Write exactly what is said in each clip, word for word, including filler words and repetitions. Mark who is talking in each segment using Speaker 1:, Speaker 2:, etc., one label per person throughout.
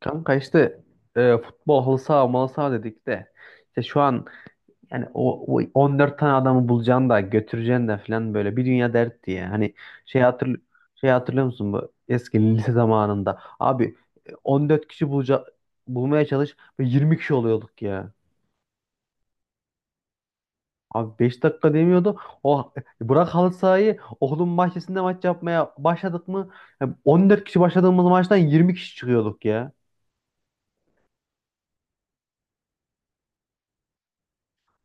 Speaker 1: Kanka işte. E, futbol halı saha malı saha dedik de işte şu an yani o, o on dört tane adamı bulacaksın da götüreceksin de falan böyle bir dünya dert diye. Hani şey hatırl şey hatırlıyor musun bu eski lise zamanında? Abi e, on dört kişi bulacak bulmaya çalış ve yirmi kişi oluyorduk ya. Abi beş dakika demiyordu. O e, Bırak halı sahayı okulun bahçesinde maç yapmaya başladık mı? Yani on dört kişi başladığımız maçtan yirmi kişi çıkıyorduk ya.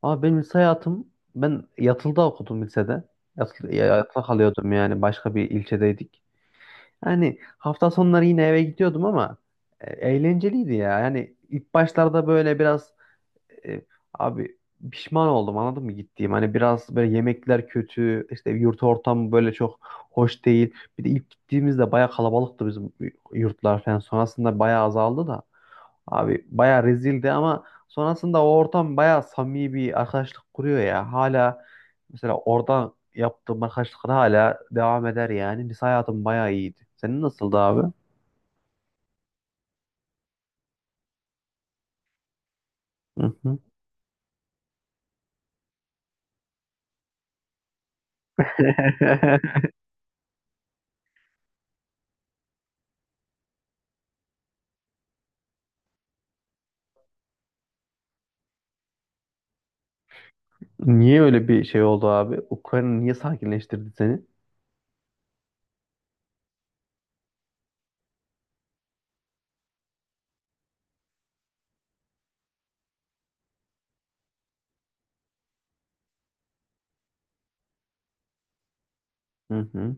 Speaker 1: Ama benim lise hayatım, ben yatılıda okudum lisede. Yatılı, ya- yatılı kalıyordum yani başka bir ilçedeydik. Yani hafta sonları yine eve gidiyordum ama e, eğlenceliydi ya. Yani ilk başlarda böyle biraz e, abi pişman oldum anladın mı gittiğim. Hani biraz böyle yemekler kötü, işte yurt ortamı böyle çok hoş değil. Bir de ilk gittiğimizde baya kalabalıktı bizim yurtlar falan. Sonrasında baya azaldı da. Abi bayağı rezildi, ama sonrasında o ortam bayağı samimi bir arkadaşlık kuruyor ya. Hala mesela oradan yaptığım arkadaşlıklar hala devam eder yani. Lise hayatım bayağı iyiydi. Senin nasıldı abi? Hı hı. Niye öyle bir şey oldu abi? Ukrayna niye sakinleştirdi seni? Hı hı.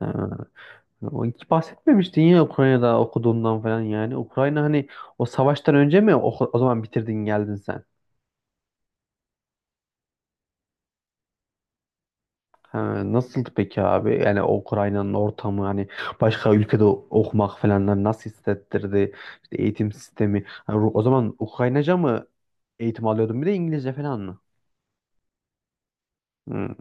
Speaker 1: Ha, o hiç bahsetmemiştin ya Ukrayna'da okuduğundan falan yani. Ukrayna hani o savaştan önce mi o, o zaman bitirdin geldin sen? Ha, nasıldı peki abi? Yani o Ukrayna'nın ortamı, hani başka ülkede okumak falan nasıl hissettirdi? İşte eğitim sistemi. Ha, Ru- o zaman Ukraynaca mı eğitim alıyordun, bir de İngilizce falan mı? Hmm.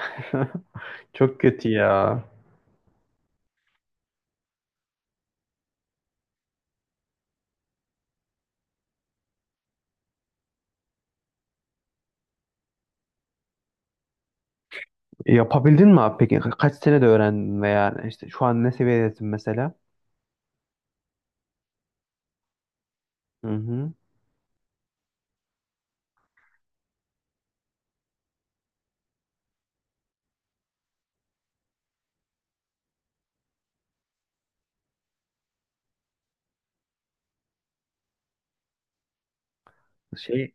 Speaker 1: Çok kötü ya. Yapabildin mi abi peki? Ka- Kaç senede öğrendin veya işte şu an ne seviyedesin mesela? Hı hı. Şey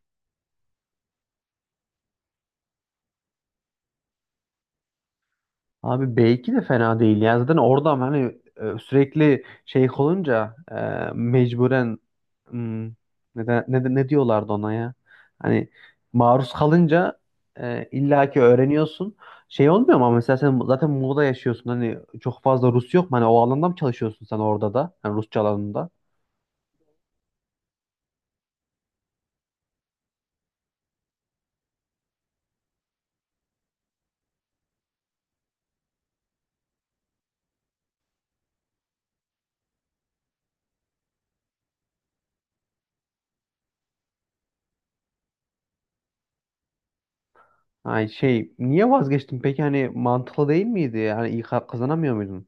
Speaker 1: abi belki de fena değil. Yani zaten orada hani e, sürekli şey olunca e, mecburen. Hmm, neden, ne, de- ne diyorlardı ona ya? Hani maruz kalınca e, illaki öğreniyorsun. Şey olmuyor mu ama, mesela sen zaten Muğla'da yaşıyorsun. Hani çok fazla Rus yok mu? Hani o alanda mı çalışıyorsun sen orada da? Hani Rusça alanında. Hani şey niye vazgeçtin peki? Hani mantıklı değil miydi? Hani iyi ka- kazanamıyor muydun?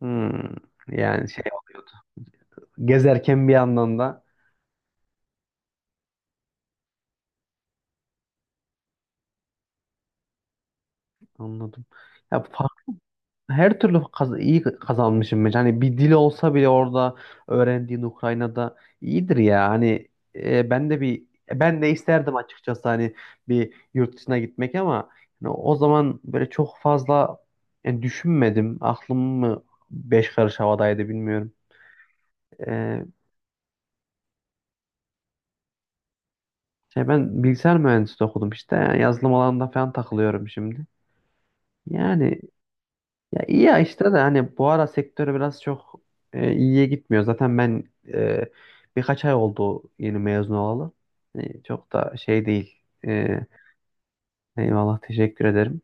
Speaker 1: Hmm, Yani şey oluyordu. Gezerken bir yandan da. Anladım. Ya her türlü kaz- iyi kazanmışım bence. Hani bir dil olsa bile orada öğrendiğin Ukrayna'da iyidir ya. Hani e, ben de bir ben de isterdim açıkçası, hani bir yurt dışına gitmek, ama hani o zaman böyle çok fazla yani düşünmedim. Aklım mı beş karış havadaydı bilmiyorum. E, Şey ben bilgisayar mühendisliği okudum işte. Yani yazılım alanında falan takılıyorum şimdi. Yani ya iyi ya, işte de hani bu ara sektörü biraz çok e, iyiye gitmiyor. Zaten ben e, birkaç ay oldu yeni mezun olalı. E, çok da şey değil. E, eyvallah, teşekkür ederim.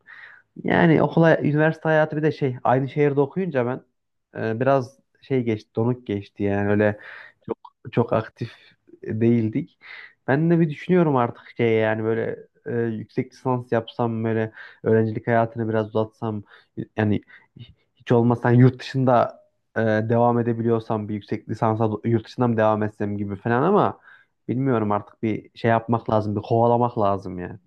Speaker 1: Yani okula, üniversite hayatı, bir de şey aynı şehirde okuyunca ben e, biraz şey geçti, donuk geçti yani, öyle çok çok aktif değildik. Ben de bir düşünüyorum artık şey, yani böyle e, yüksek lisans yapsam, böyle öğrencilik hayatını biraz uzatsam, yani hiç olmazsa hani yurt dışında e, devam edebiliyorsam bir yüksek lisansa do- yurt dışından mı devam etsem gibi falan, ama bilmiyorum, artık bir şey yapmak lazım, bir kovalamak lazım yani.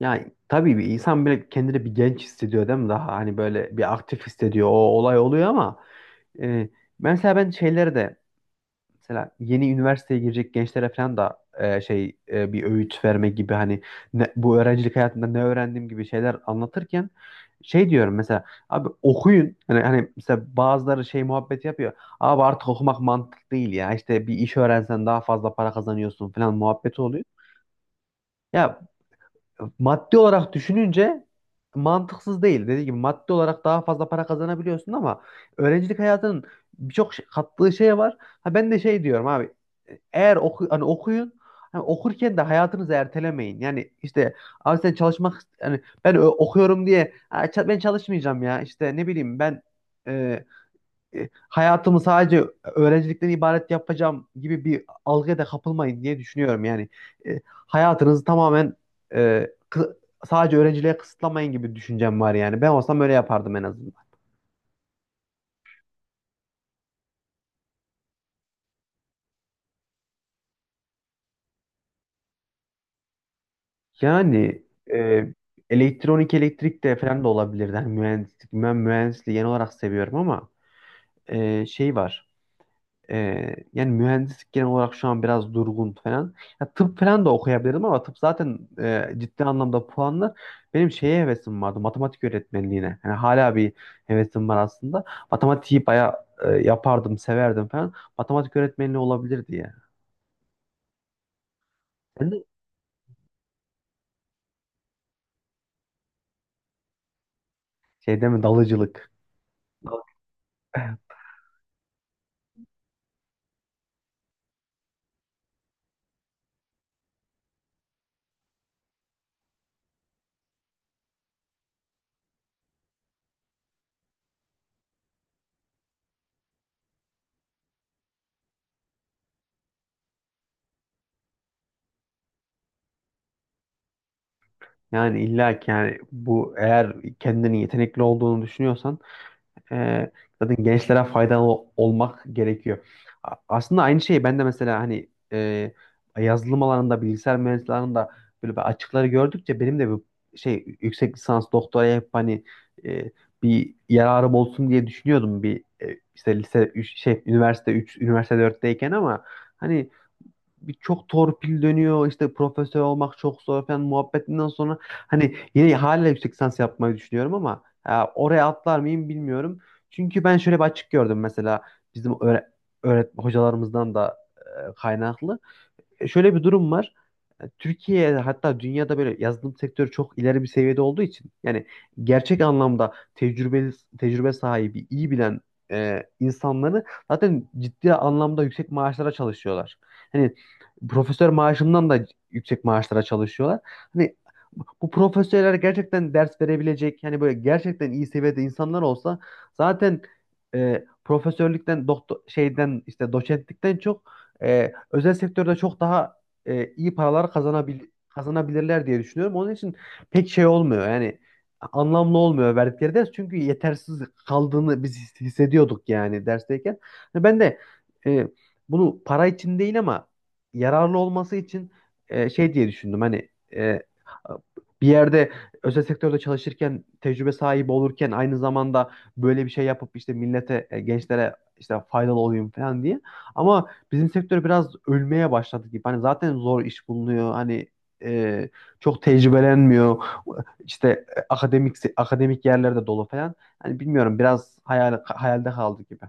Speaker 1: Yani tabii bir insan böyle kendini bir genç hissediyor değil mi? Daha hani böyle bir aktif hissediyor. O olay oluyor, ama e, mesela ben şeylere de, mesela yeni üniversiteye girecek gençlere falan da e, şey e, bir öğüt verme gibi, hani ne- bu öğrencilik hayatında ne öğrendiğim gibi şeyler anlatırken, şey diyorum mesela, abi okuyun. Hani, hani mesela bazıları şey muhabbet yapıyor. Abi artık okumak mantık değil ya. İşte bir iş öğrensen daha fazla para kazanıyorsun falan muhabbeti oluyor. Ya maddi olarak düşününce mantıksız değil. Dediğim gibi maddi olarak daha fazla para kazanabiliyorsun, ama öğrencilik hayatının birçok şey- kattığı şey var. Ha ben de şey diyorum abi, eğer oku, hani okuyun, hani okurken de hayatınızı ertelemeyin. Yani işte abi sen çalışmak, yani ben ö- okuyorum diye "Ha, ça- ben çalışmayacağım ya, işte ne bileyim ben e, e, hayatımı sadece öğrencilikten ibaret yapacağım" gibi bir algıya da kapılmayın diye düşünüyorum. Yani e, hayatınızı tamamen e, kı- sadece öğrenciliğe kısıtlamayın gibi düşüncem var yani. Ben olsam öyle yapardım en azından. Yani e, elektronik elektrik de falan da olabilir. Yani mühendislik, ben mühendisliği genel olarak seviyorum, ama e, şey var. Ee, yani mühendislik genel olarak şu an biraz durgun falan. Ya tıp falan da okuyabilirim, ama tıp zaten e, ciddi anlamda puanlar. Benim şeye hevesim vardı, matematik öğretmenliğine. Yani hala bir hevesim var aslında. Matematiği bayağı e, yapardım, severdim falan. Matematik öğretmenliği olabilirdi ya. Sen de şey deme, dalıcılık. Yani illa ki, yani bu eğer kendini yetenekli olduğunu düşünüyorsan e, zaten gençlere faydalı olmak gerekiyor. A- Aslında aynı şeyi ben de, mesela hani e, yazılım alanında bilgisayar mühendisliği alanında böyle bir açıkları gördükçe benim de bu şey, yüksek lisans doktoraya hep hani e, bir yararım olsun diye düşünüyordum, bir e, işte lise üç şey üniversite üç üniversite dörtteyken, ama hani bir çok torpil dönüyor, işte profesör olmak çok zor falan muhabbetinden sonra hani yine hala yüksek lisans yapmayı düşünüyorum, ama e, oraya atlar mıyım bilmiyorum. Çünkü ben şöyle bir açık gördüm, mesela bizim öğre öğret hocalarımızdan da e, kaynaklı. E, şöyle bir durum var. Türkiye, hatta dünyada böyle yazılım sektörü çok ileri bir seviyede olduğu için, yani gerçek anlamda tecrübeli tecrübe sahibi, iyi bilen e, insanları zaten ciddi anlamda yüksek maaşlara çalışıyorlar. Hani profesör maaşından da yüksek maaşlara çalışıyorlar. Hani bu profesörler gerçekten ders verebilecek, yani böyle gerçekten iyi seviyede insanlar olsa zaten e, profesörlükten, doktor şeyden, işte doçentlikten çok e, özel sektörde çok daha e, iyi paralar kazanabil kazanabilirler diye düşünüyorum. Onun için pek şey olmuyor yani, anlamlı olmuyor verdikleri ders, çünkü yetersiz kaldığını biz his- hissediyorduk yani dersteyken. Hani ben de e, bunu para için değil, ama yararlı olması için e, şey diye düşündüm, hani e, bir yerde özel sektörde çalışırken, tecrübe sahibi olurken aynı zamanda böyle bir şey yapıp, işte millete e, gençlere işte faydalı olayım falan diye. Ama bizim sektör biraz ölmeye başladı gibi. Hani zaten zor iş bulunuyor. Hani e, çok tecrübelenmiyor. İşte e, akademik akademik yerlerde dolu falan. Hani bilmiyorum, biraz hayal hayalde kaldı gibi.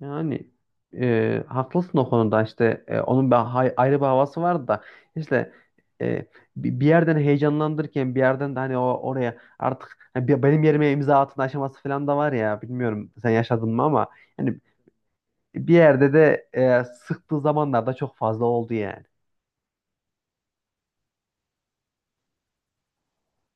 Speaker 1: Yani e, haklısın o konuda, işte e, onun bir hay- ayrı bir havası vardı da, işte e, bi- bir yerden heyecanlandırırken bir yerden de hani o oraya artık hani be- benim yerime imza atın aşaması falan da var ya, bilmiyorum sen yaşadın mı ama yani bir yerde de e, sıktığı zamanlarda çok fazla oldu yani.